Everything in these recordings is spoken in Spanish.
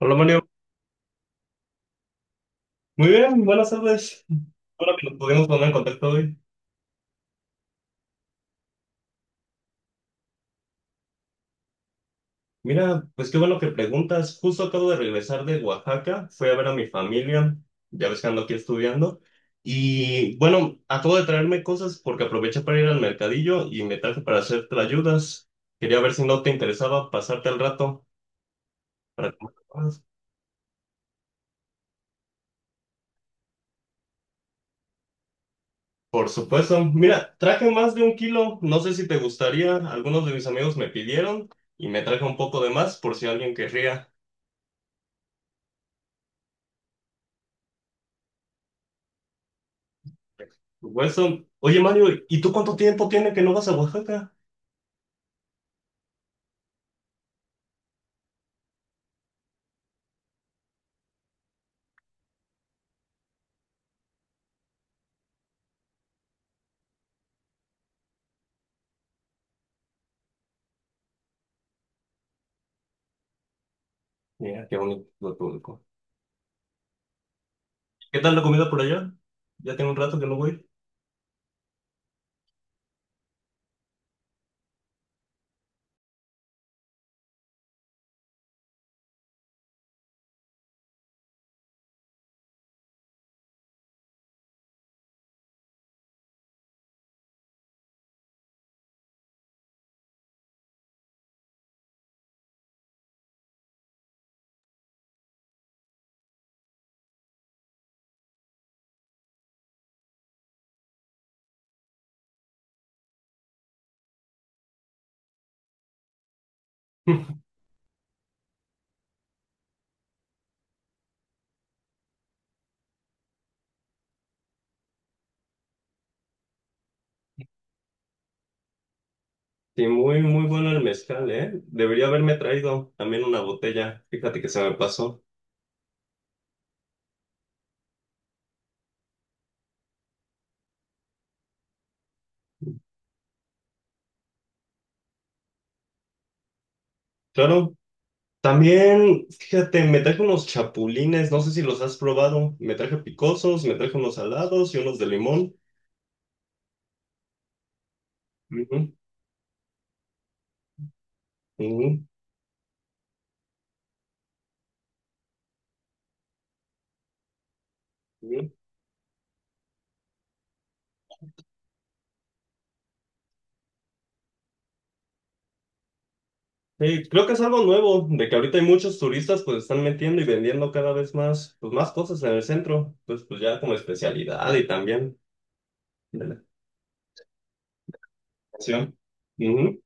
Hola Mario, muy bien, buenas tardes. Bueno que nos pudimos poner en contacto hoy. Mira, pues qué bueno que preguntas. Justo acabo de regresar de Oaxaca, fui a ver a mi familia, ya ves que ando aquí estudiando. Y bueno, acabo de traerme cosas porque aproveché para ir al mercadillo y me traje para hacer ayudas. Quería ver si no te interesaba pasarte al rato para que me ayudaras. Por supuesto, mira, traje más de un kilo, no sé si te gustaría. Algunos de mis amigos me pidieron y me traje un poco de más por si alguien querría. Wilson, oye Mario, ¿y tú Oye, Mario, ¿y tú cuánto tiempo tiene que no vas a Oaxaca? Mira, qué bonito lo público. ¿Qué tal la comida por allá? Ya tengo un rato que no voy. Sí, muy, muy bueno el mezcal, ¿eh? Debería haberme traído también una botella. Fíjate que se me pasó. Claro, también, fíjate, me traje unos chapulines, no sé si los has probado. Me traje picosos, me traje unos salados y unos de limón. Ujú, ujú, ujú. Sí, creo que es algo nuevo, de que ahorita hay muchos turistas pues están metiendo y vendiendo cada vez más, pues más cosas en el centro, pues, pues ya como especialidad y también de la alimentación. Ujú.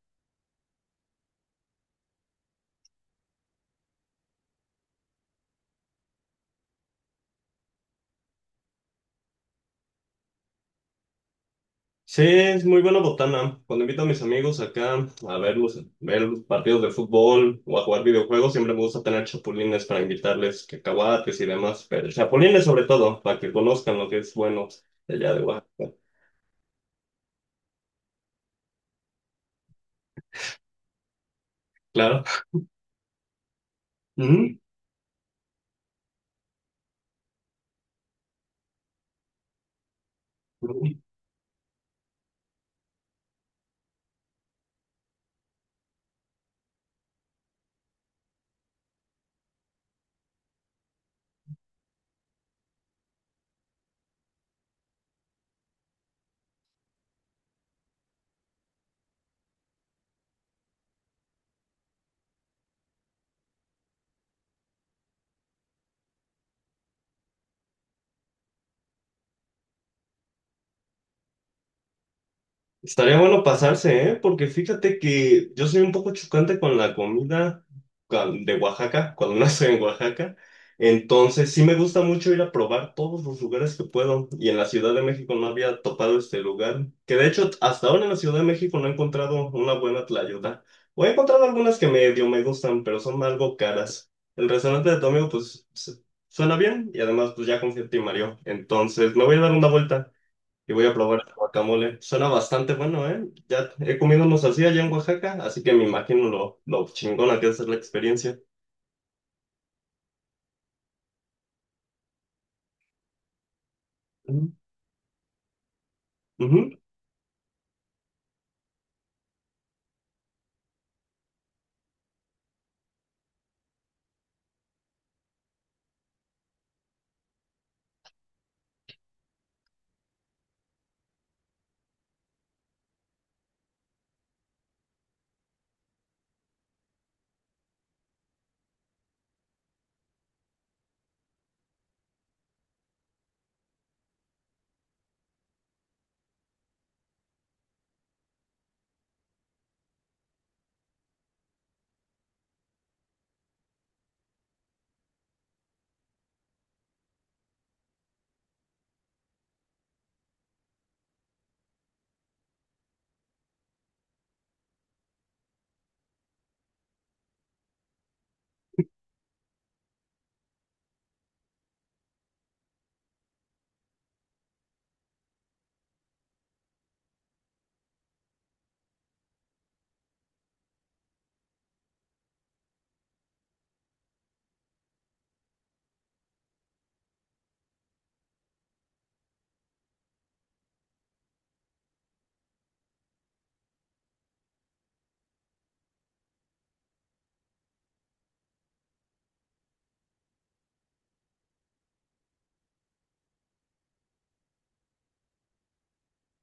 Sí, es muy buena botana. Cuando invito a mis amigos acá a ver los partidos de fútbol o a jugar videojuegos, siempre me gusta tener chapulines para invitarles, cacahuates y demás, pero chapulines sobre todo, para que conozcan lo que es bueno de allá de Oaxaca. Claro. Ujú. Estaría bueno pasarse, ¿eh? Porque fíjate que yo soy un poco chocante con la comida de Oaxaca, cuando no estoy en Oaxaca. Entonces, sí me gusta mucho ir a probar todos los lugares que puedo. Y en la Ciudad de México no había topado este lugar. Que de hecho, hasta ahora en la Ciudad de México no he encontrado una buena tlayuda. O he encontrado algunas que medio me gustan, pero son algo caras. El restaurante de tu amigo, pues, suena bien. Y además, pues ya confía en ti, Mario. Entonces, me voy a dar una vuelta. Y voy a probar el guacamole. Suena bastante bueno, ¿eh? Ya he comido unos así allá en Oaxaca, así que me imagino lo chingona que es la experiencia. Ujú. Ujú.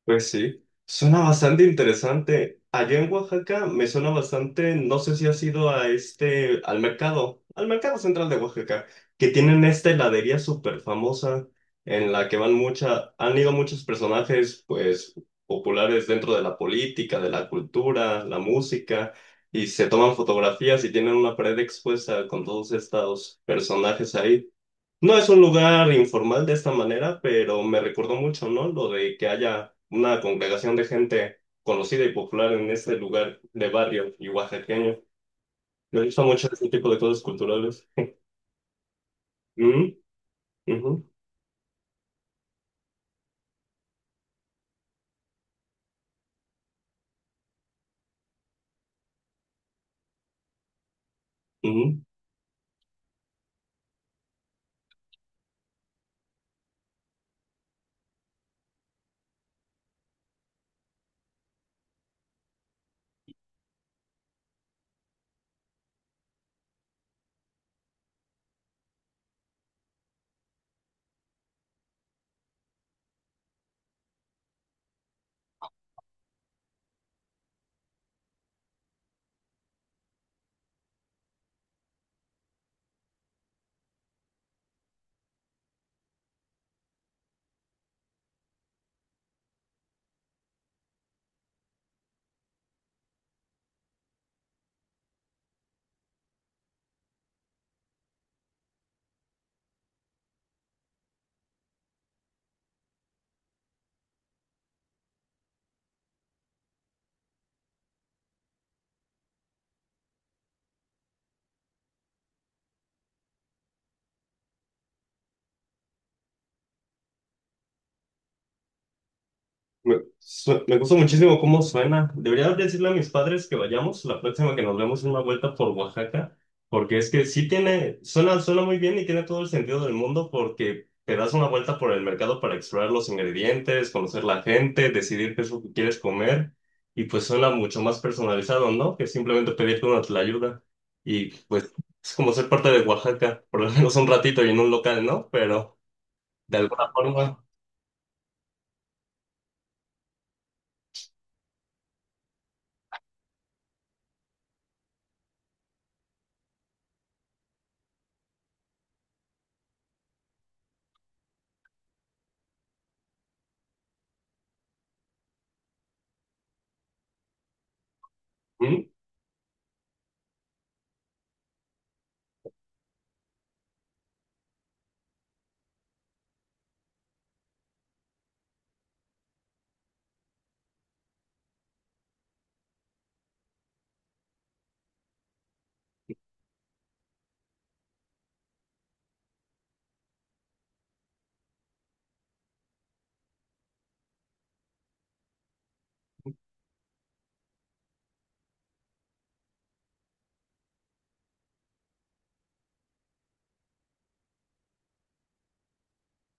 Pues sí, suena bastante interesante. Allá en Oaxaca me suena bastante, no sé si has ido a este, al mercado central de Oaxaca, que tienen esta heladería súper famosa en la que van han ido muchos personajes, pues, populares dentro de la política, de la cultura, la música, y se toman fotografías y tienen una pared expuesta con todos estos personajes ahí. No es un lugar informal de esta manera, pero me recordó mucho, ¿no? Lo de que haya una congregación de gente conocida y popular en este lugar de barrio y oaxaqueño. Me gusta mucho ese tipo de cosas culturales. Ujú, ujú, ujú. Me gusta muchísimo cómo suena. Debería decirle a mis padres que vayamos la próxima que nos vemos una vuelta por Oaxaca, porque es que sí suena, suena muy bien y tiene todo el sentido del mundo porque te das una vuelta por el mercado para explorar los ingredientes, conocer la gente, decidir qué es lo que quieres comer y pues suena mucho más personalizado, ¿no? Que simplemente pedirte una ayuda y pues es como ser parte de Oaxaca, por lo menos un ratito y en un local, ¿no? Pero de alguna forma... ¿Mm?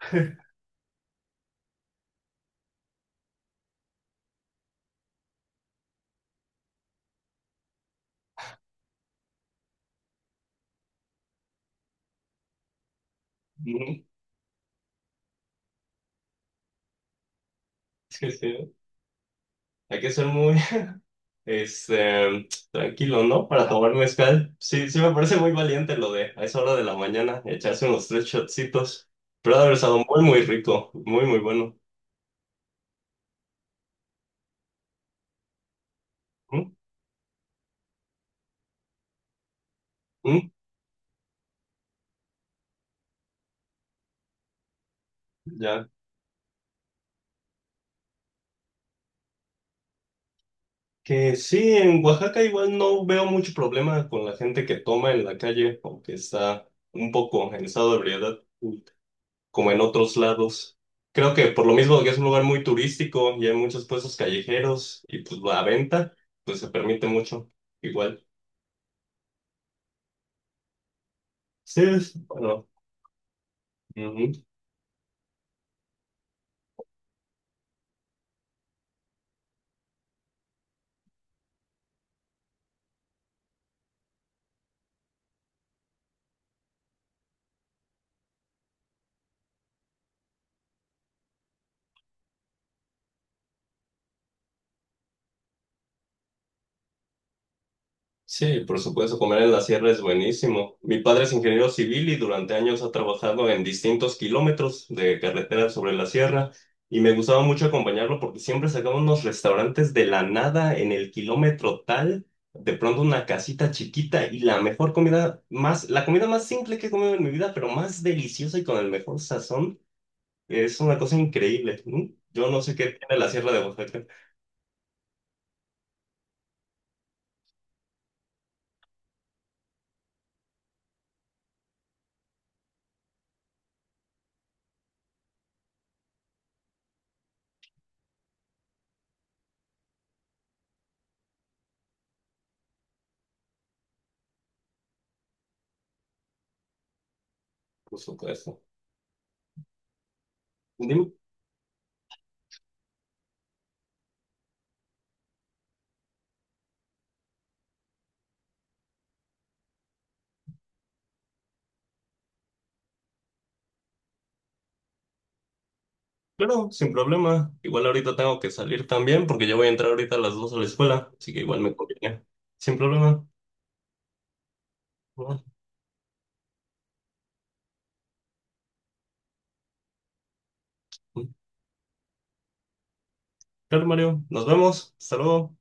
Ujú. Sí, sí. Hay que ser muy, este, tranquilo, ¿no? Para tomar mezcal. Sí, sí me parece muy valiente lo de a esa hora de la mañana echarse unos tres shotcitos. Pero ha de haber estado muy, muy rico, muy, muy bueno. ¿Mm? ¿Mm? Ya. Que sí, en Oaxaca igual no veo mucho problema con la gente que toma en la calle, aunque está un poco en estado de ebriedad, como en otros lados. Creo que por lo mismo que es un lugar muy turístico y hay muchos puestos callejeros y pues la venta, pues se permite mucho. Igual. Sí, es, bueno, ujú. Sí, por supuesto, comer en la sierra es buenísimo. Mi padre es ingeniero civil y durante años ha trabajado en distintos kilómetros de carretera sobre la sierra y me gustaba mucho acompañarlo porque siempre sacaba unos restaurantes de la nada en el kilómetro tal, de pronto una casita chiquita y la mejor comida, más, la comida más simple que he comido en mi vida, pero más deliciosa y con el mejor sazón, es una cosa increíble. ¿No? Yo no sé qué tiene la sierra de Oaxaca, por supuesto. Dime. Claro, sin problema. Igual ahorita tengo que salir también porque yo voy a entrar ahorita a las 2 a la escuela, así que igual me conviene. Sin problema. Bueno, mm. Claro, Mario. Nos vemos. Hasta luego.